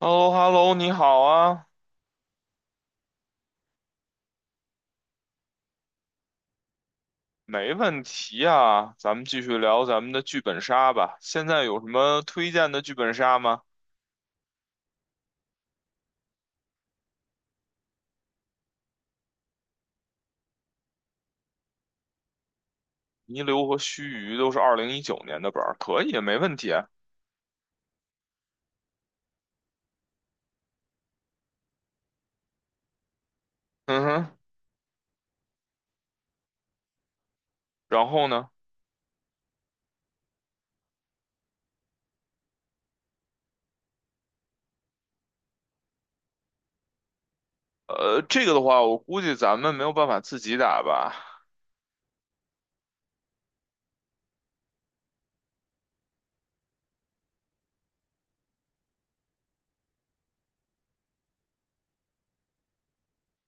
h e l l o h e l l o 你好啊，没问题啊，咱们继续聊咱们的剧本杀吧。现在有什么推荐的剧本杀吗？泥流》和须臾都是二零一九年的本儿，可以，没问题啊。嗯哼，然后呢？这个的话，我估计咱们没有办法自己打吧。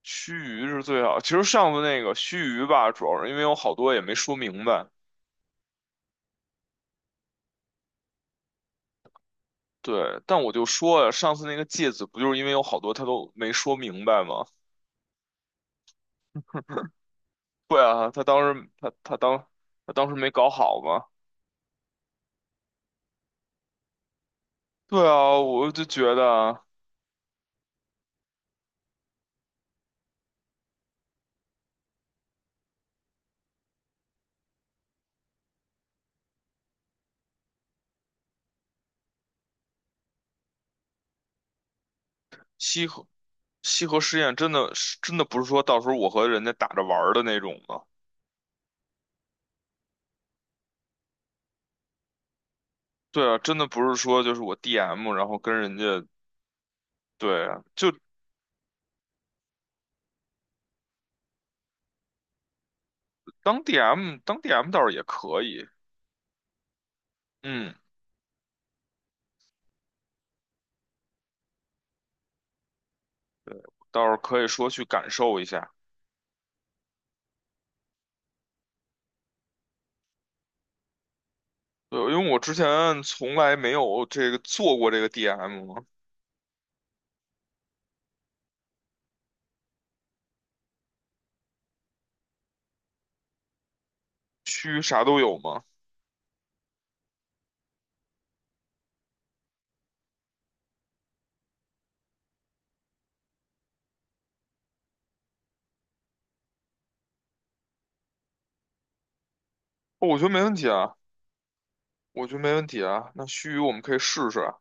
须臾是最好，其实上次那个须臾吧，主要是因为有好多也没说明白。对，但我就说呀，上次那个芥子不就是因为有好多他都没说明白吗？对啊，他当时没搞好嘛。对啊，我就觉得啊。西河西河实验真的是真的不是说到时候我和人家打着玩儿的那种嘛。对啊，真的不是说就是我 DM，然后跟人家。对啊，就当 DM 倒是也可以，嗯，倒是可以说去感受一下。对，因为我之前从来没有这个做过这个 DM 嘛，须啥都有嘛。哦，我觉得没问题啊，我觉得没问题啊。那须我们可以试试啊。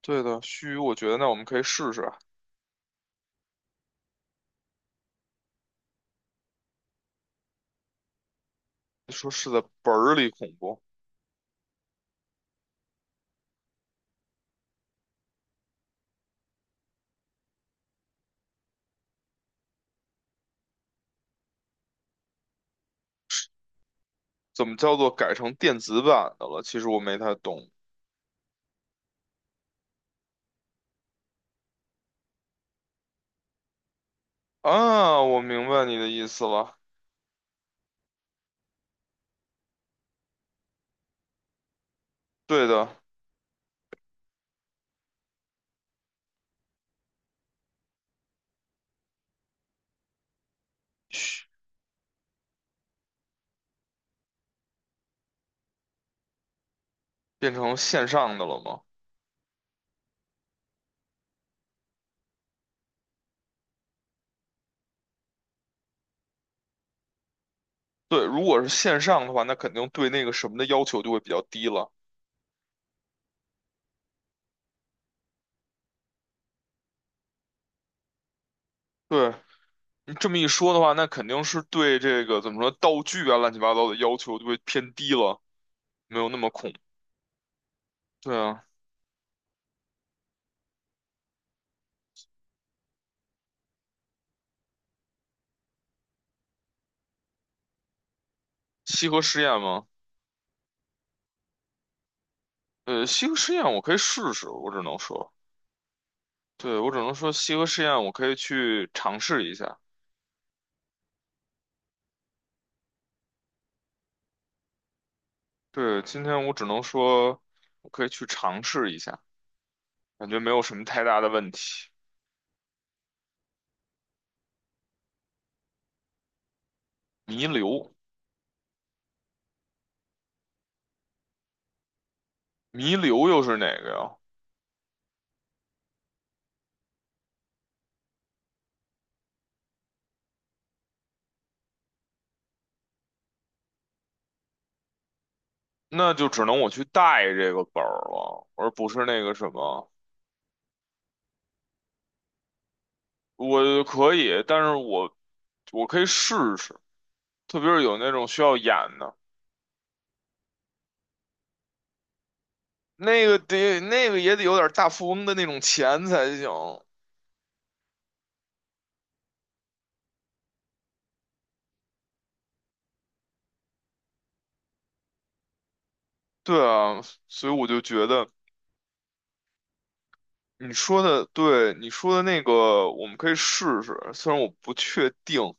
对的，须臾，我觉得那我们可以试试。你说是在本儿里恐怖，怎么叫做改成电子版的了？其实我没太懂啊。我明白你的意思了。对的，嘘，变成线上的了吗？对，如果是线上的话，那肯定对那个什么的要求就会比较低了。对，你这么一说的话，那肯定是对这个怎么说道具啊、乱七八糟的要求就会偏低了，没有那么恐。对啊，西河实验吗？西河实验我可以试试，我只能说。对，我只能说西河试验，我可以去尝试一下。对，今天我只能说，我可以去尝试一下，感觉没有什么太大的问题。弥留，弥留又是哪个呀？那就只能我去带这个本儿了，而不是那个什么。我可以，但是我可以试试，特别是有那种需要演的，那个得那个也得有点大富翁的那种钱才行。对啊，所以我就觉得。你说的对，你说的那个我们可以试试，虽然我不确定，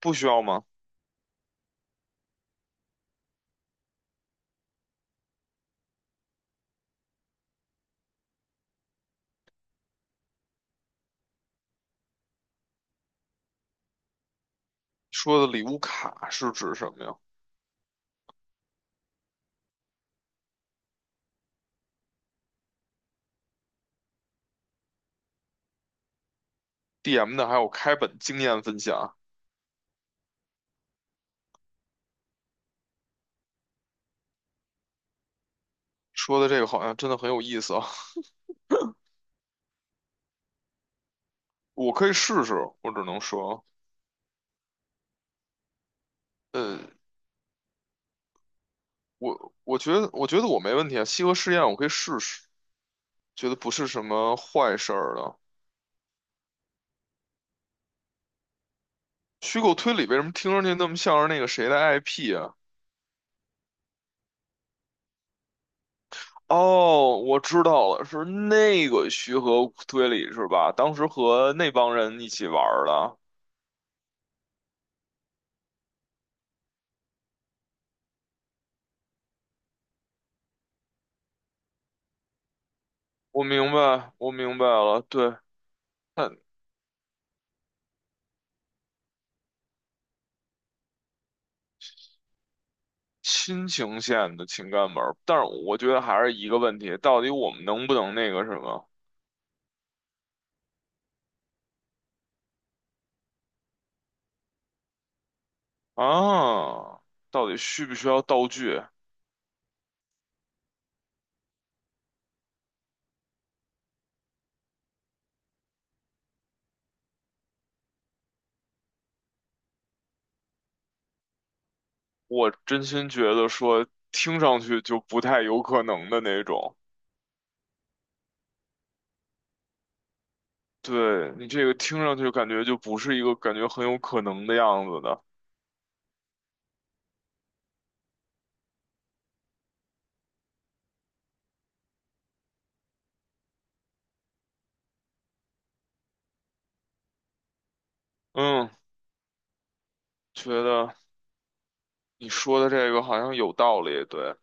不需要吗？说的礼物卡是指什么呀？DM 的还有开本经验分享，说的这个好像真的很有意思啊，我可以试试，我只能说。呃，我觉得我没问题啊，西河试验我可以试试，觉得不是什么坏事儿的。虚构推理为什么听上去那么像是那个谁的 IP 啊？哦，我知道了，是那个徐和推理是吧？当时和那帮人一起玩儿的。我明白了。对，看亲情线的情感本儿，但是我觉得还是一个问题，到底我们能不能那个什么啊？到底需不需要道具？我真心觉得说，听上去就不太有可能的那种。对，你这个听上去感觉就不是一个感觉很有可能的样子的。嗯，觉得。你说的这个好像有道理，对，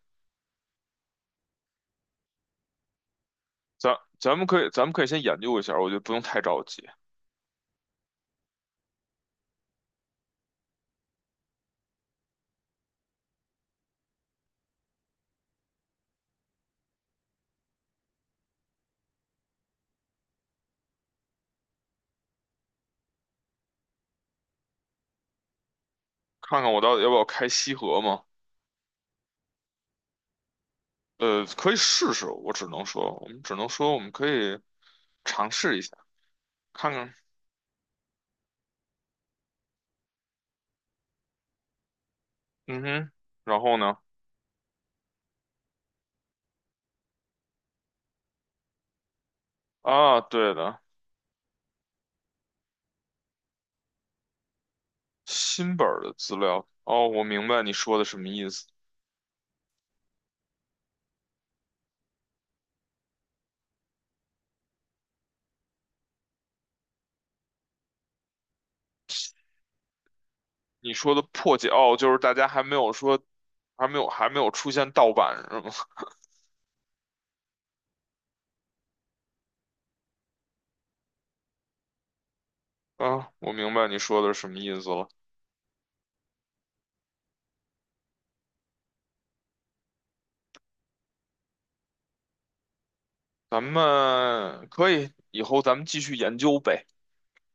咱们可以先研究一下，我觉得不用太着急，看看我到底要不要开西河嘛。可以试试，我只能说，我们只能说我们可以尝试一下，看看。嗯哼，然后呢？啊，对的，新本儿的资料，哦，我明白你说的什么意思。你说的破解，哦，就是大家还没有说，还没有出现盗版是吗？啊，我明白你说的是什么意思了。咱们可以，以后咱们继续研究呗。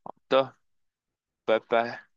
好的，拜拜。